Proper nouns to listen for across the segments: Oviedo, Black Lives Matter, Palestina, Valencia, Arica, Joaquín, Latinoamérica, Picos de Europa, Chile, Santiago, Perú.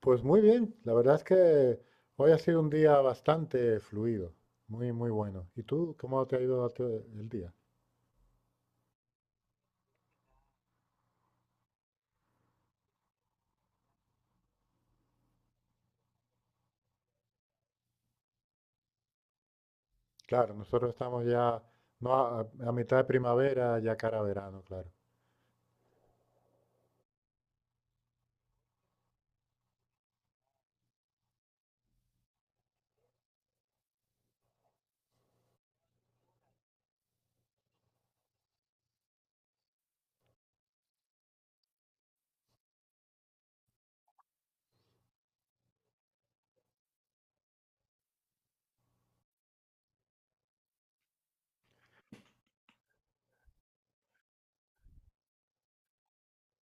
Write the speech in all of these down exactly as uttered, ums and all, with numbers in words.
Pues muy bien, la verdad es que hoy ha sido un día bastante fluido, muy, muy bueno. ¿Y tú cómo te ha ido a ti el día? Claro, nosotros estamos ya no a, a mitad de primavera, ya cara a verano, claro.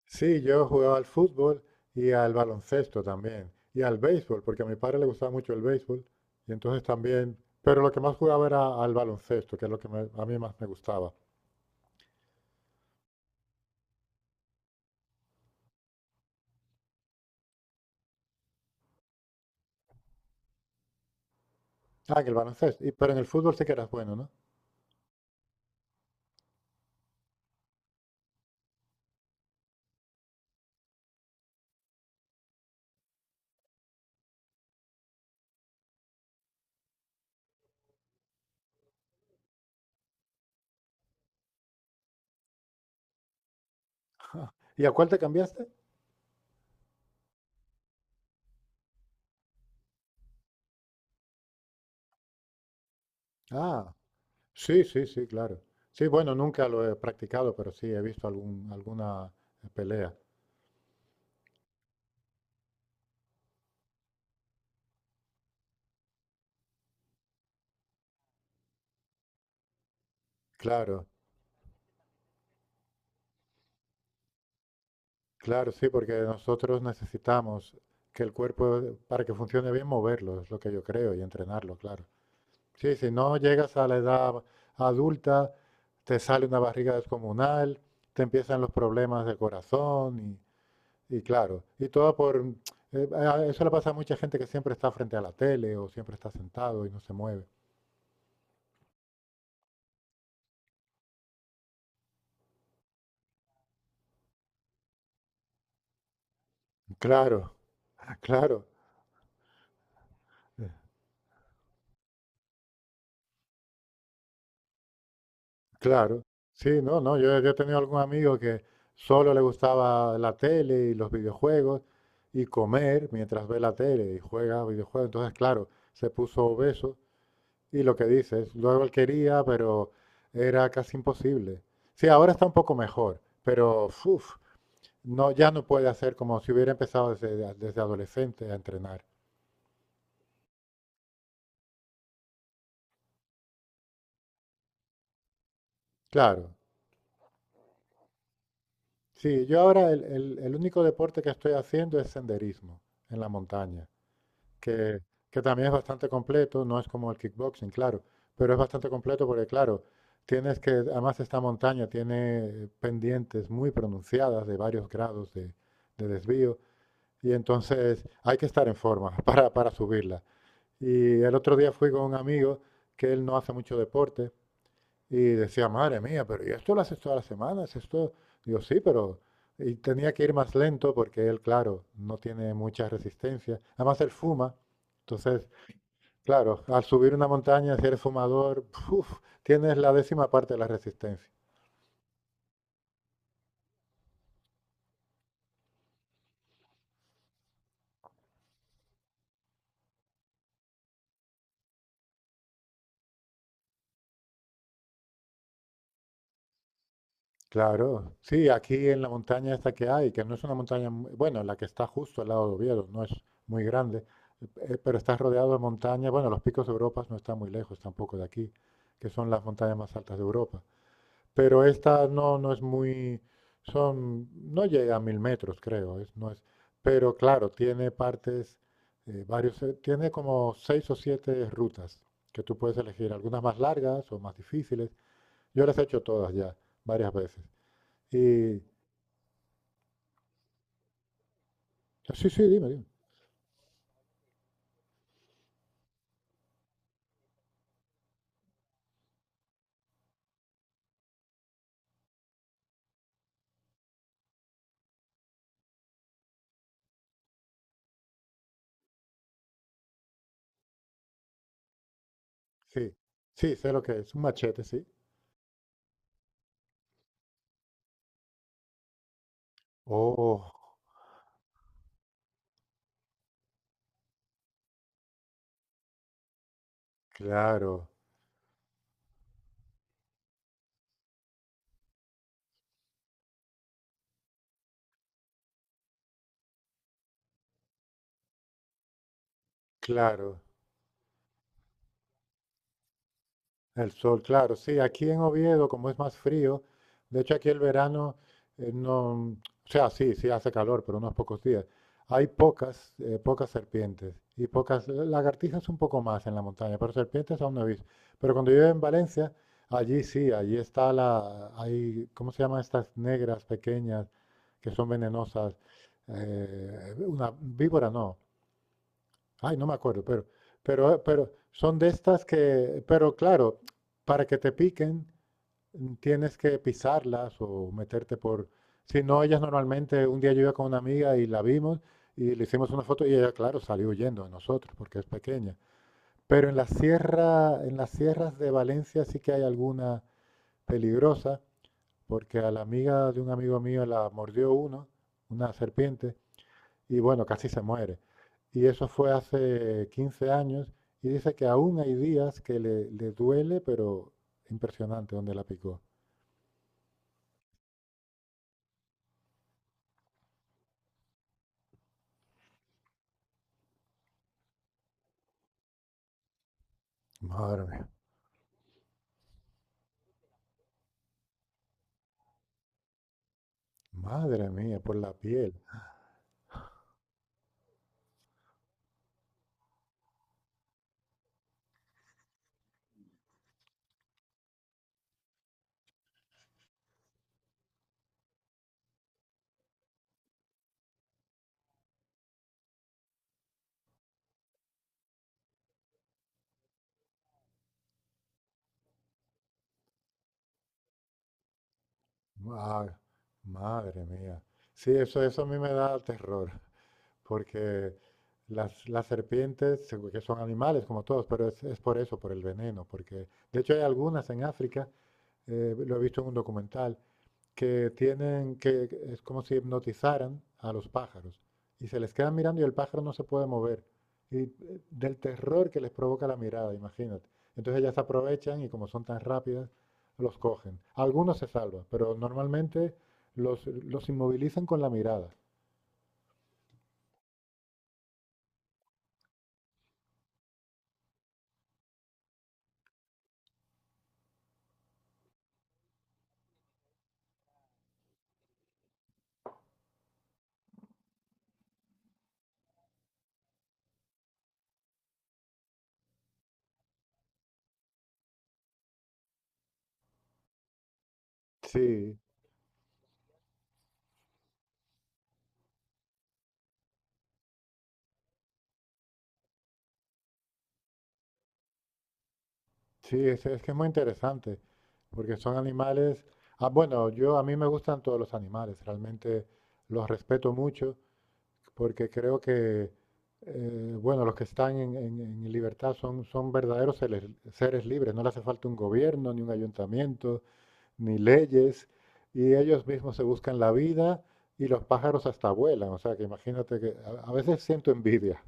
Sí, yo jugaba al fútbol y al baloncesto también, y al béisbol, porque a mi padre le gustaba mucho el béisbol, y entonces también, pero lo que más jugaba era al baloncesto, que es lo que me- a mí más me gustaba. Ah, en el baloncesto, y, pero en el fútbol sí que eras bueno, ¿no? ¿Y a cuál te cambiaste? Ah. Sí, sí, sí, claro. Sí, bueno, nunca lo he practicado, pero sí he visto algún, alguna eh, pelea. Claro, claro, sí, porque nosotros necesitamos que el cuerpo, eh, para que funcione bien, moverlo, es lo que yo creo, y entrenarlo, claro. Sí, si no llegas a la edad adulta, te sale una barriga descomunal, te empiezan los problemas del corazón y, y claro, y todo por... eh, a- eso le pasa a mucha gente que siempre está frente a la tele o siempre está sentado y no se mueve. Claro. Claro. Eh, Claro, sí, no, no, yo, yo he tenido algún amigo que solo le gustaba la tele y los videojuegos y comer mientras ve la tele y juega videojuegos, entonces claro, se puso obeso y lo que dices, luego él quería, pero era casi imposible. Sí, ahora está un poco mejor, pero uf, no, ya no puede hacer como si hubiera empezado desde, desde adolescente a entrenar. Claro, sí, yo ahora el el- el único deporte que estoy haciendo es senderismo en la montaña. que, que también es bastante completo, no es como el kickboxing, claro, pero es bastante completo porque, claro, tienes que, además esta montaña tiene pendientes muy pronunciadas de varios grados de, de desvío y entonces hay que estar en forma para, para subirla. Y el otro día fui con un amigo que él no hace mucho deporte y decía, madre mía, pero ¿y esto lo haces todas las semanas? Esto, digo, sí, pero... Y tenía que ir más lento porque él, claro, no tiene mucha resistencia. Además, él fuma, entonces... Claro, al subir una montaña, si eres fumador, ¡puf!, tienes la décima parte de la resistencia. Claro, sí, aquí en la montaña esta que hay, que no es una montaña, mu- bueno, la que está justo al lado de Oviedo, no es muy grande, eh, pero está rodeado de montañas, bueno, los picos de Europa no están muy lejos tampoco de aquí, que son las montañas más altas de Europa. Pero esta no, no es muy, son, no llega a mil metros, creo, es, no es, pero claro, tiene partes, eh, varios, eh, tiene como seis o siete rutas que tú puedes elegir, algunas más largas o más difíciles. Yo las he hecho todas ya, varias veces. Y, sí, sí, dime, dime. Sí, sí, sé lo que es, un machete, sí. Oh, claro, claro. El sol, claro, sí, aquí en Oviedo, como es más frío, de hecho aquí el verano eh, no, o sea, sí, sí hace calor, pero unos pocos días. Hay pocas, eh, pocas serpientes y pocas, eh, lagartijas un poco más en la montaña, pero serpientes aún no he visto. Pero cuando yo iba en Valencia, allí sí, allí está la, hay, ¿cómo se llaman estas negras pequeñas que son venenosas? Eh, una víbora no, ay, no me acuerdo, pero, pero, pero, son de estas que, pero claro, para que te piquen mm, tienes que pisarlas o meterte por... Si no, ellas normalmente, un día yo iba con una amiga y la vimos y le hicimos una foto y ella, claro, salió huyendo de nosotros porque es pequeña. Pero en la sierra, en las sierras de Valencia sí que hay alguna peligrosa, porque a la amiga de un amigo mío la mordió uno, una serpiente, y bueno, casi se muere. Y eso fue hace quince años y dice que aún hay días que le, le duele, pero impresionante donde la picó. Madre mía, madre mía, por la piel. Ma- Madre mía. Sí, eso, eso a mí me da terror, porque las, las serpientes, seguro que son animales como todos, pero es, es por eso, por el veneno, porque de hecho hay algunas en África, eh, lo he visto en un documental, que tienen que es como si hipnotizaran a los pájaros y se les quedan mirando y el pájaro no se puede mover y eh, del terror que les provoca la mirada, imagínate. Entonces ellas aprovechan y como son tan rápidas los cogen. Algunos se salvan, pero normalmente los, los inmovilizan con la mirada. Sí, sí, es, es que es muy interesante porque son animales. Ah, bueno, yo a mí me gustan todos los animales, realmente los respeto mucho porque creo que... Eh, bueno, los que están en, en- en libertad son, son, verdaderos seres, seres libres. No le hace falta un gobierno, ni un ayuntamiento, ni leyes. Y ellos mismos se buscan la vida y los pájaros hasta vuelan. O sea, que imagínate que a, a veces siento envidia.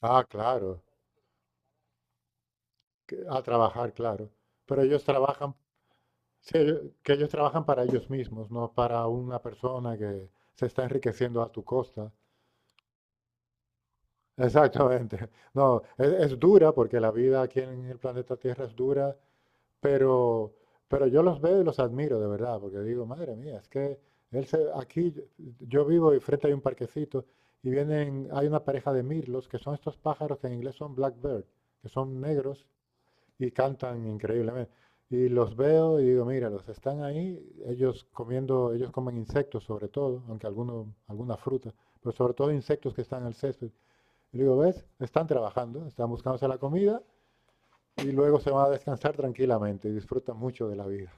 Ah, claro, que- a trabajar, claro. Pero ellos trabajan, sí, ellos- que ellos trabajan para ellos mismos, no para una persona que se está enriqueciendo a tu costa. Exactamente. No, es, es dura porque la vida aquí en el planeta Tierra es dura. Pero, pero yo los veo y los admiro de verdad, porque digo, madre mía, es que él se- aquí yo yo vivo y frente hay un parquecito y vienen, hay una pareja de mirlos, que son estos pájaros que en inglés son blackbird, que son negros y cantan increíblemente. Y los veo y digo, míralos, están ahí, ellos comiendo, ellos comen insectos sobre todo, aunque algunos, alguna fruta, pero sobre todo insectos que están en el césped. Y digo, ¿ves? Están trabajando, están buscándose la comida y luego se van a descansar tranquilamente y disfrutan mucho de la vida.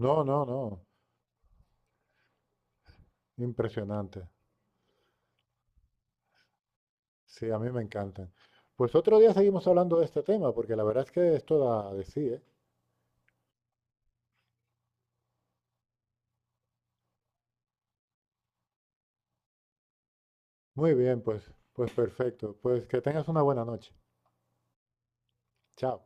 No, no, no. Impresionante. Sí, a mí me encantan. Pues otro día seguimos hablando de este tema, porque la verdad es que esto da de sí, ¿eh? Muy bien, pues, pues perfecto. Pues que tengas una buena noche. Chao.